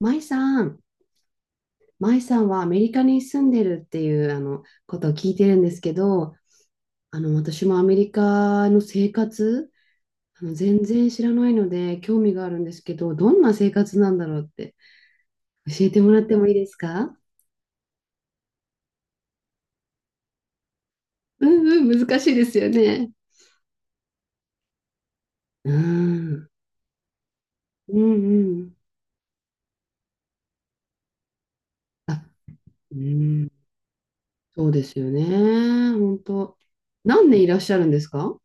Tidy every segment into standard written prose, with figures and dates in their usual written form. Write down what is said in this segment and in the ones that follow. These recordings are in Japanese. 舞さん、舞さんはアメリカに住んでるっていうことを聞いてるんですけど、私もアメリカの生活、全然知らないので興味があるんですけど、どんな生活なんだろうって教えてもらってもいいですか？うんうん、難しいですよね。うん、うんうん。あ、うん、そうですよね。本当。何年いらっしゃるんですか？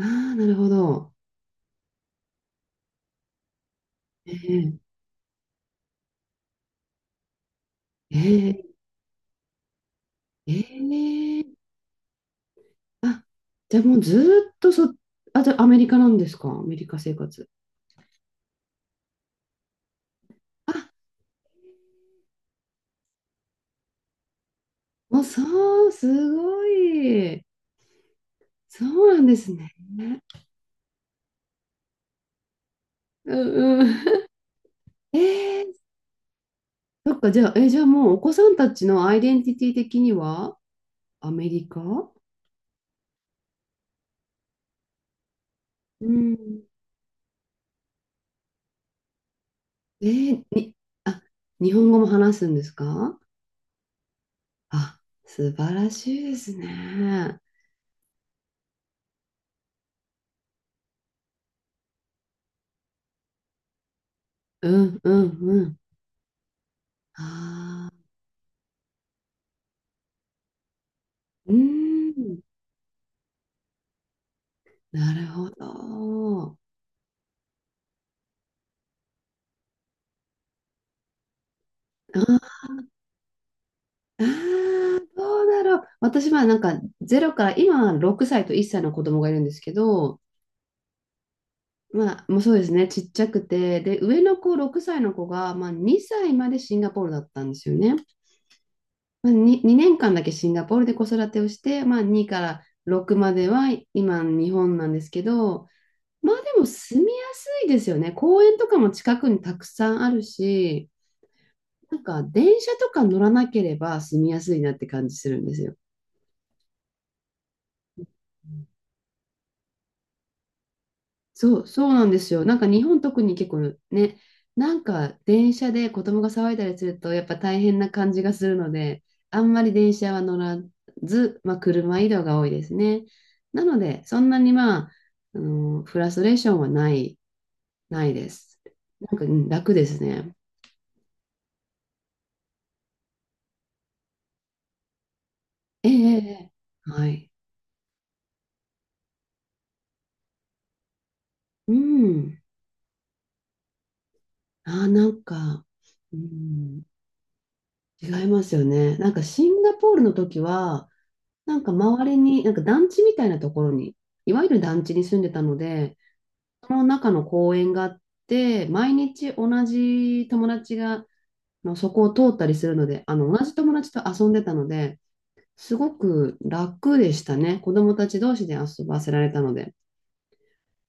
ああー、なるほど。ええええええ。あ、じゃあもうずーっとあ、じゃあアメリカなんですか、アメリカ生活。あ、もうそう、すごい。そうなんですね。うんうん。えー、そっか、じゃあ、え、じゃあもうお子さんたちのアイデンティティ的にはアメリカ。うん。えーに、あ、日本語も話すんですか？あ、素晴らしいですね。うんうんうん。ああ、うん。なるほど。あ、ああ、どうだろう。私はなんか0から、今は6歳と1歳の子供がいるんですけど、まあ、もうそうですね、ちっちゃくて、で、上の子、6歳の子が、まあ、2歳までシンガポールだったんですよね。まあ、2年間だけシンガポールで子育てをして、まあ、2から6までは今、日本なんですけど、まあでも住みやすいですよね。公園とかも近くにたくさんあるし、なんか電車とか乗らなければ住みやすいなって感じするんですよ。そうなんですよ。なんか日本特に結構ね、なんか電車で子供が騒いだりするとやっぱ大変な感じがするので、あんまり電車は乗らず、まあ、車移動が多いですね。なので、そんなにまあ、あのフラストレーションはないです。なんかうん楽ですね。ええ、ええええはい。うん。ああ、なんか、うん、違いますよね。なんかシンガポールの時は、なんか周りに、なんか団地みたいなところに、いわゆる団地に住んでたので、その中の公園があって、毎日同じ友達がそこを通ったりするので、同じ友達と遊んでたので、すごく楽でしたね。子供たち同士で遊ばせられたので。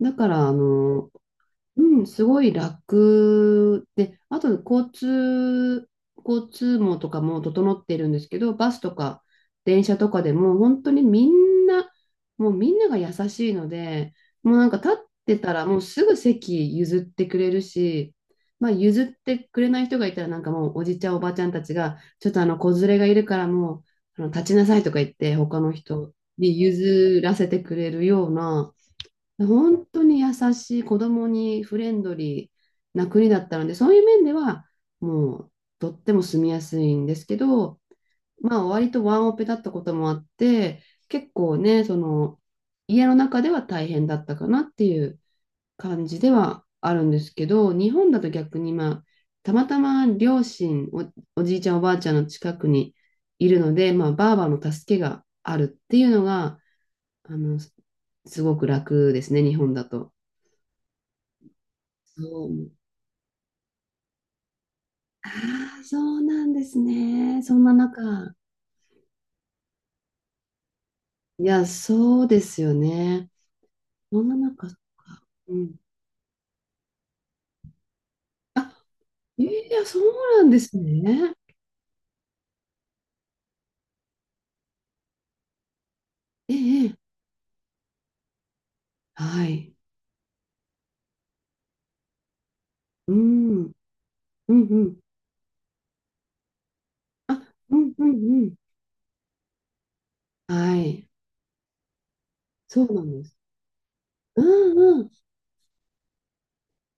だから、うん、すごい楽で、あと交通網とかも整ってるんですけど、バスとか電車とかでも本当にみんな、もうみんなが優しいので、もうなんか立ってたらもうすぐ席譲ってくれるし、まあ譲ってくれない人がいたらなんかもうおじちゃんおばちゃんたちが、ちょっとあの子連れがいるからもう立ちなさいとか言って他の人に譲らせてくれるような、本当に優しい、子供にフレンドリーな国だったので、そういう面では、もう、とっても住みやすいんですけど、まあ、割とワンオペだったこともあって、結構ね、その、家の中では大変だったかなっていう感じではあるんですけど、日本だと逆に、まあ、たまたま両親、おじいちゃん、おばあちゃんの近くにいるので、まあ、ばあばの助けがあるっていうのが、あの、すごく楽ですね、日本だと。そう。ああ、そうなんですね。そんな中。いや、そうですよね。そんな中、そっか。うん。あ、いや、そうなんですね。ええ、ええはい。うん、うん、うん。あ、うん、うん、うん。はい。そうなんです。うん、うん。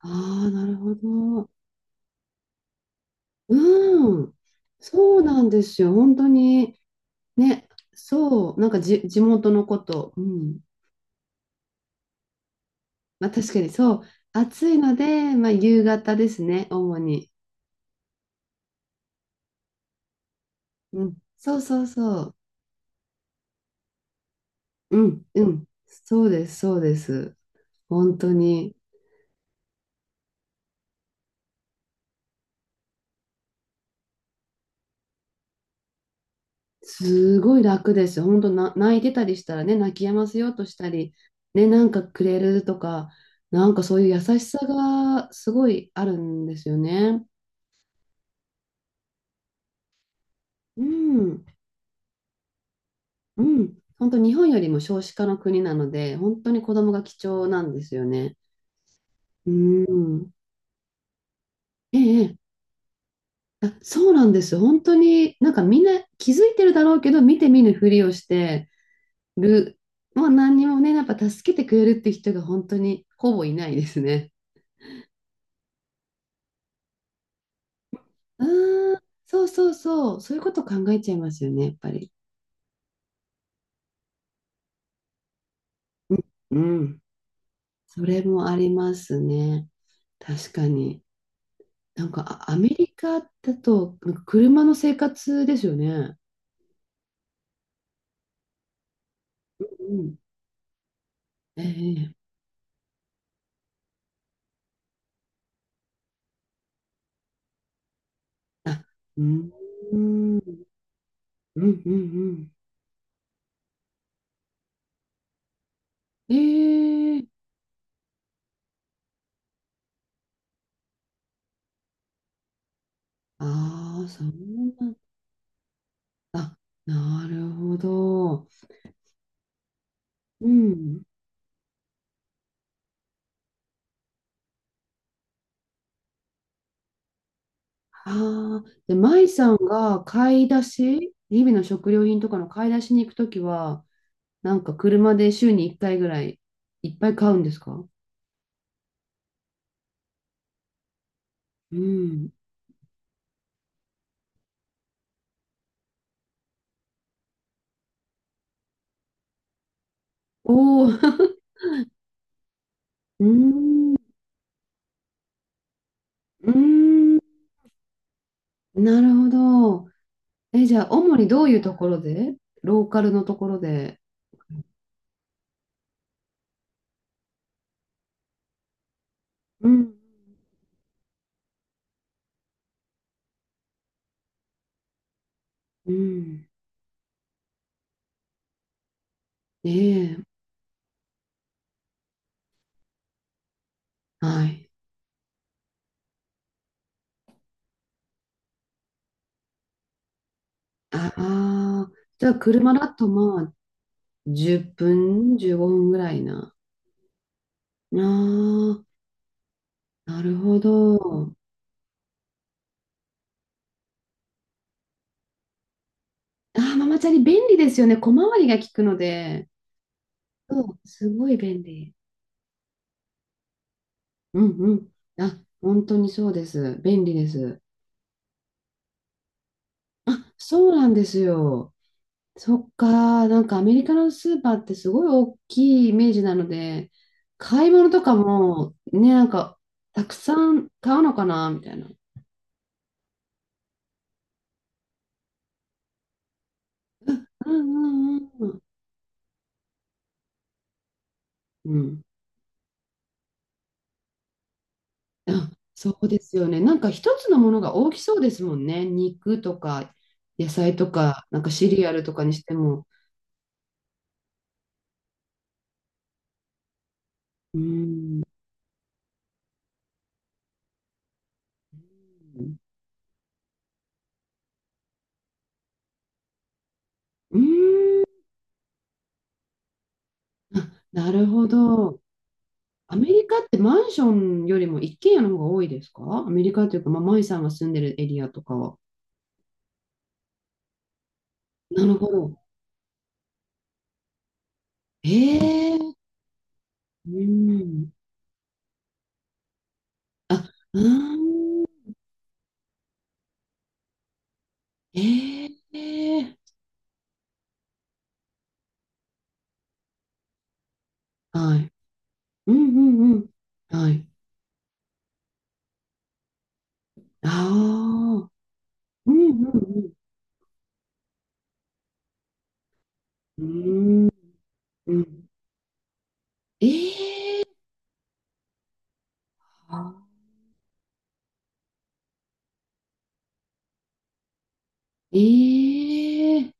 ああ、なるほど。うん。そうなんですよ。本当に、ね、そう、なんかじ、地元のこと。うん。まあ確かにそう。暑いので、まあ夕方ですね、主に。うん。そうそうそう。うん、うん。そうです、そうです。本当に。すごい楽ですよ。本当な、泣いてたりしたらね、泣き止ませようとしたり、ね、なんかくれるとか、なんかそういう優しさがすごいあるんですよね。うん、うん。本当日本よりも少子化の国なので、本当に子供が貴重なんですよね。うん。ええ、え、あ、そうなんですよ。本当に、なんかみんな気づいてるだろうけど、見て見ぬふりをしてる。もう何にもね、やっぱ助けてくれるって人が本当にほぼいないですね。うーん、そうそうそう。そういうこと考えちゃいますよね、やっぱり。うん。うん、それもありますね。確かに。なんか、あアメリカだと、なんか車の生活ですよね。うん。ええあ、うん。うんうんうん。ええ、ああ、そうなんだ。なるほど。うん。ああ、で、舞さんが買い出し、日々の食料品とかの買い出しに行くときは、なんか車で週に1回ぐらいいっぱい買うんですか？うん。おお、うーん、うん、なるほど。え、じゃあ、主にどういうところで。ローカルのところで。うん。うん。ええ、はい。ああ、じゃあ、車だとまあ、10分、15分ぐらいな。ああ、なるほど。ああ、ママチャリ便利ですよね。小回りが利くので。そう、すごい便利。うんうん。あ、本当にそうです。便利です。そうなんですよ。そっか、なんかアメリカのスーパーってすごい大きいイメージなので、買い物とかもね、なんかたくさん買うのかなみたいな。うんうんうん。うん、あ、そうですよね。なんか一つのものが大きそうですもんね。肉とか野菜とか、なんかシリアルとかにしても。うーん。うーん。あ、なるほど。アメリカってマンションよりも一軒家の方が多いですか、アメリカというか、まあ、マイさんが住んでるエリアとかは。なるほど。ええー。うーん。あ、うーん。ええー。はい。うんうんうん。はい。ああ。うんうんうん。うーん。うんええあええ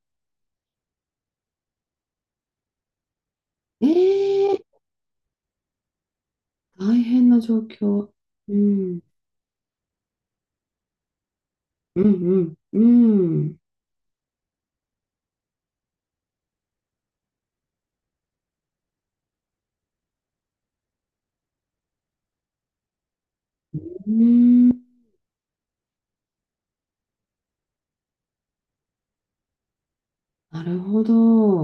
ええ大変な状況。うん。うんうん。うん。うーん。なるほど。